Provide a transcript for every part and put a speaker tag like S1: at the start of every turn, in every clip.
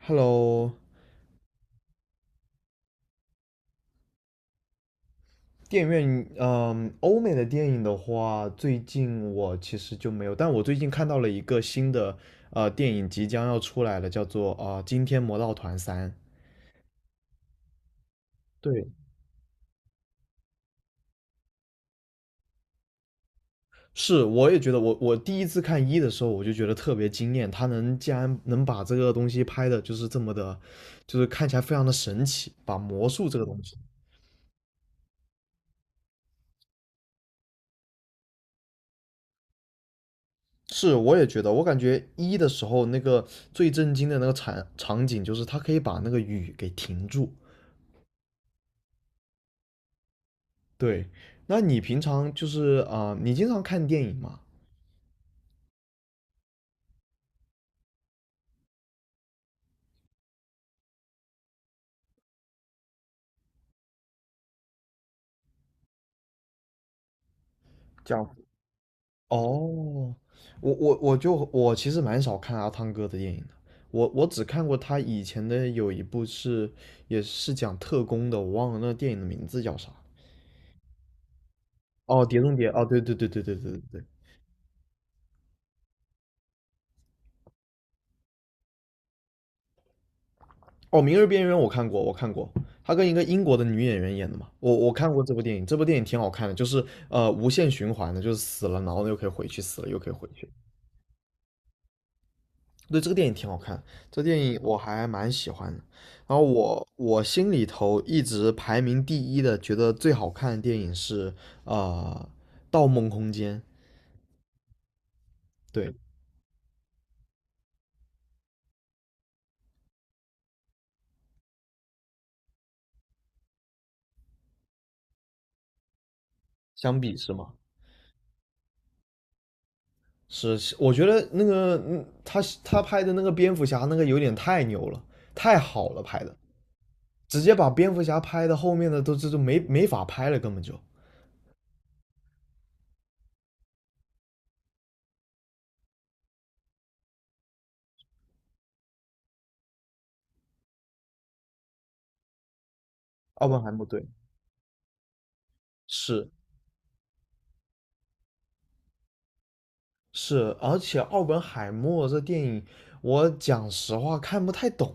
S1: Hello，电影院，欧美的电影的话，最近我其实就没有，但我最近看到了一个新的电影即将要出来了，叫做惊天魔盗团三》。对，是，我也觉得我第一次看一的时候，我就觉得特别惊艳，他能竟然能把这个东西拍的，就是这么的，就是看起来非常的神奇，把魔术这个东西。是，我也觉得，我感觉一的时候那个最震惊的那个场景，就是他可以把那个雨给停住。对，那你平常就是你经常看电影吗？叫哦，我其实蛮少看阿汤哥的电影的，我只看过他以前的有一部是也是讲特工的，我忘了那电影的名字叫啥。哦，《碟中谍》哦，对对对对对对对对。哦，《明日边缘》我看过，我看过，他跟一个英国的女演员演的嘛，我看过这部电影，这部电影挺好看的，就是无限循环的，就是死了然后又可以回去，死了又可以回去。对，这个电影挺好看，这个电影我还蛮喜欢的。然后我心里头一直排名第一的，觉得最好看的电影是呃《盗梦空间》。对，相比是吗？是，是我觉得那个他拍的那个蝙蝠侠那个有点太牛了，太好了拍的，直接把蝙蝠侠拍的后面的都这都没法拍了，根本就。奥本海默对，是是，而且奥本海默这电影，我讲实话看不太懂。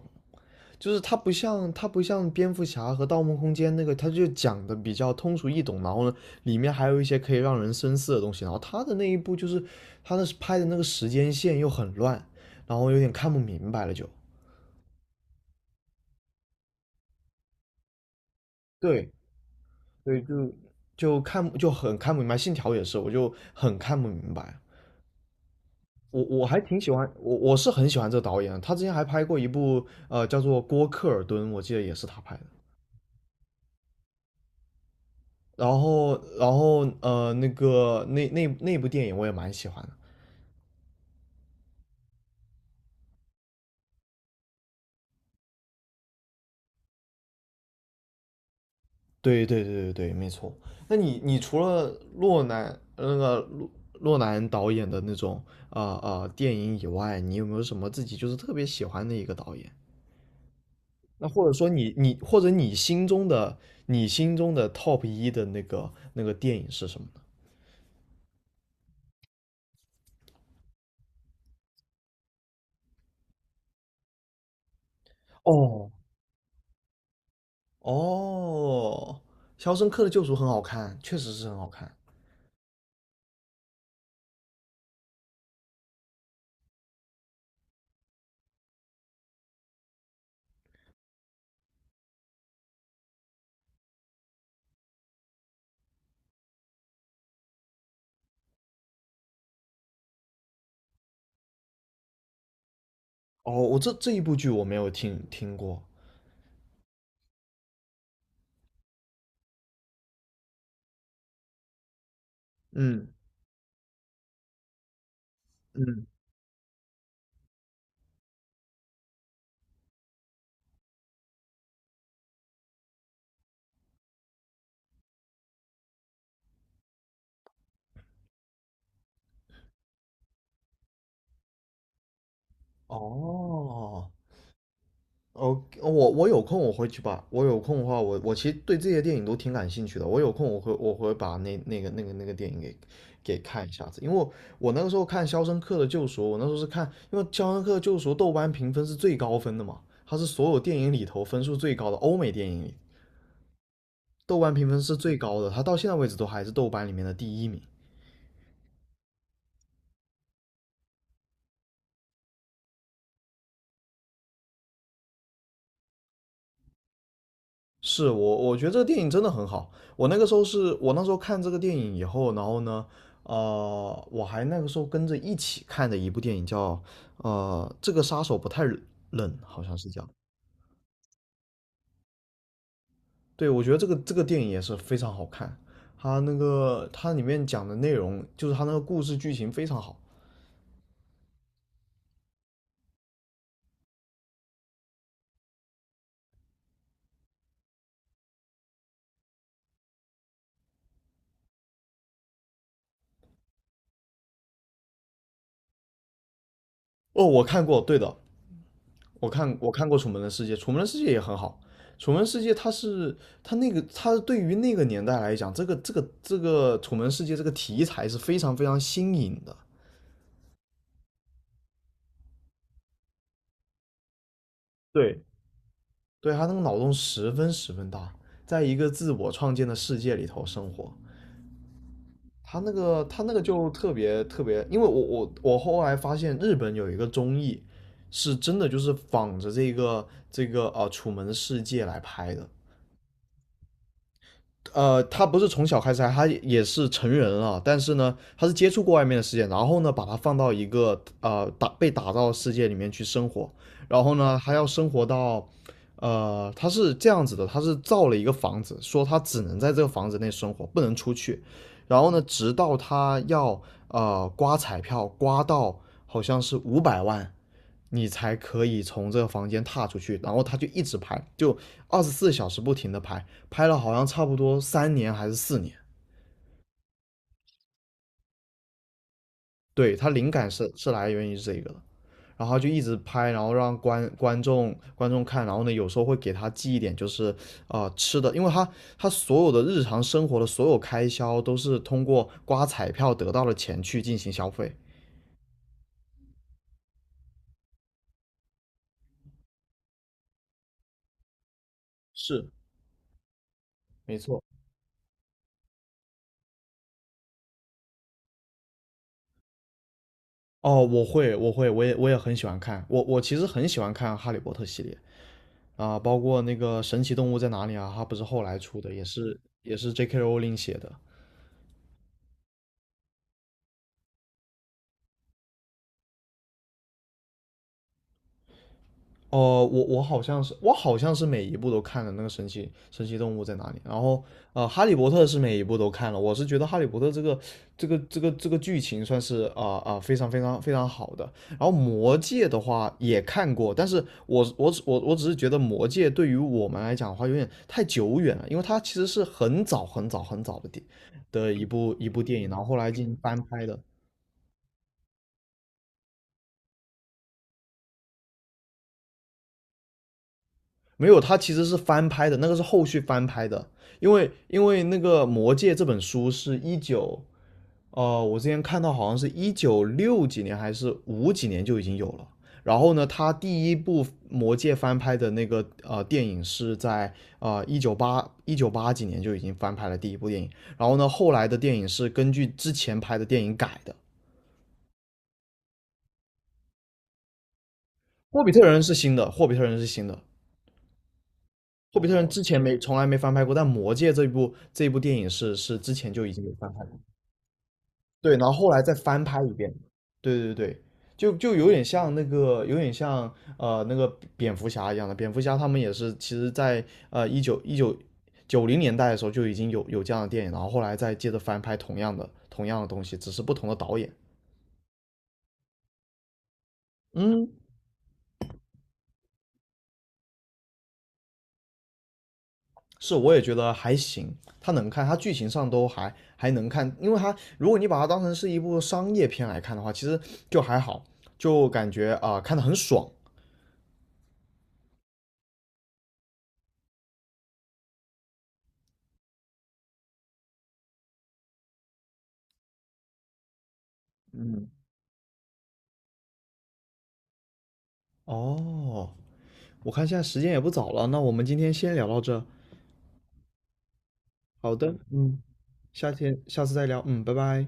S1: 就是它不像蝙蝠侠和盗梦空间那个，它就讲的比较通俗易懂，然后呢，里面还有一些可以让人深思的东西。然后他的那一部就是他的拍的那个时间线又很乱，然后有点看不明白了就。对对，就很看不明白。信条也是，我就很看不明白。我是很喜欢这个导演的他之前还拍过一部叫做《郭克尔顿》，我记得也是他拍的。然后，那部电影我也蛮喜欢的。对对对对对，没错。那你除了洛南那个洛洛南导演的那种电影以外，你有没有什么自己就是特别喜欢的一个导演？那或者说你或者你心中的 top 一的那个电影是什么呢？哦哦，《肖申克的救赎》很好看，确实是很好看。哦，我这一部剧我没有听过。嗯，嗯，哦哦，我有空我回去把，我有空的话，我其实对这些电影都挺感兴趣的。我有空我会把那个电影给看一下子，因为我那个时候看《肖申克的救赎》，我那时候是看，因为《肖申克的救赎》豆瓣评分是最高分的嘛，它是所有电影里头分数最高的，欧美电影里豆瓣评分是最高的，它到现在为止都还是豆瓣里面的第一名。是，我觉得这个电影真的很好。我那时候看这个电影以后，然后呢，我还那个时候跟着一起看的一部电影叫这个杀手不太冷，好像是叫。对，我觉得这个电影也是非常好看，它那个它里面讲的内容，就是它那个故事剧情非常好。哦，我看过，对的，我看过《楚门的世界》，《楚门的世界》也很好，《楚门世界》它对于那个年代来讲，这个《楚门世界》这个题材是非常非常新颖的。对，对，他那个脑洞十分十分大，在一个自我创建的世界里头生活。他那个就特别特别，因为我后来发现日本有一个综艺，是真的就是仿着这个楚门世界》来拍的，他不是从小开始他也是成人了，但是呢，他是接触过外面的世界，然后呢，把他放到一个被打造的世界里面去生活，然后呢，他要生活到，他是这样子的，他是造了一个房子，说他只能在这个房子内生活，不能出去，然后呢，直到他要刮彩票刮到好像是500万，你才可以从这个房间踏出去。然后他就一直拍，就24小时不停的拍，拍了好像差不多3年还是4年。对，他灵感是来源于这个的，然后就一直拍，然后让观众看，然后呢，有时候会给他寄一点就是吃的，因为他所有的日常生活的所有开销都是通过刮彩票得到的钱去进行消费。是，没错。哦，我会，我会，我也很喜欢看，我其实很喜欢看《哈利波特》系列。啊，包括那个《神奇动物在哪里》啊，它不是后来出的，也是 J.K. 罗琳写的。我好像是每一部都看了那个神奇动物在哪里，然后哈利波特是每一部都看了，我是觉得哈利波特这个剧情算是非常非常非常好的，然后魔戒的话也看过，但是我只是觉得魔戒对于我们来讲的话有点太久远了，因为它其实是很早很早很早的一部电影，然后后来进行翻拍的，没有，它其实是翻拍的，那个是后续翻拍的，因为那个《魔戒》这本书是我之前看到好像是一九六几年还是五几年就已经有了。然后呢，他第一部《魔戒》翻拍的那个电影是在一九八几年就已经翻拍了第一部电影。然后呢，后来的电影是根据之前拍的电影改的。《霍比特人》是新的，《霍比特人》是新的。霍比特人之前没从来没翻拍过，但《魔戒》这一部电影是之前就已经有翻拍过，对，然后后来再翻拍一遍，对对对，就有点像那个蝙蝠侠一样的，蝙蝠侠他们也是，其实在一九九零年代的时候就已经有这样的电影，然后后来再接着翻拍同样的东西，只是不同的导演。嗯，是，我也觉得还行，它能看，它剧情上都还能看，因为它如果你把它当成是一部商业片来看的话，其实就还好，就感觉看得很爽。哦，我看现在时间也不早了，那我们今天先聊到这。好的，下次再聊，嗯，拜拜。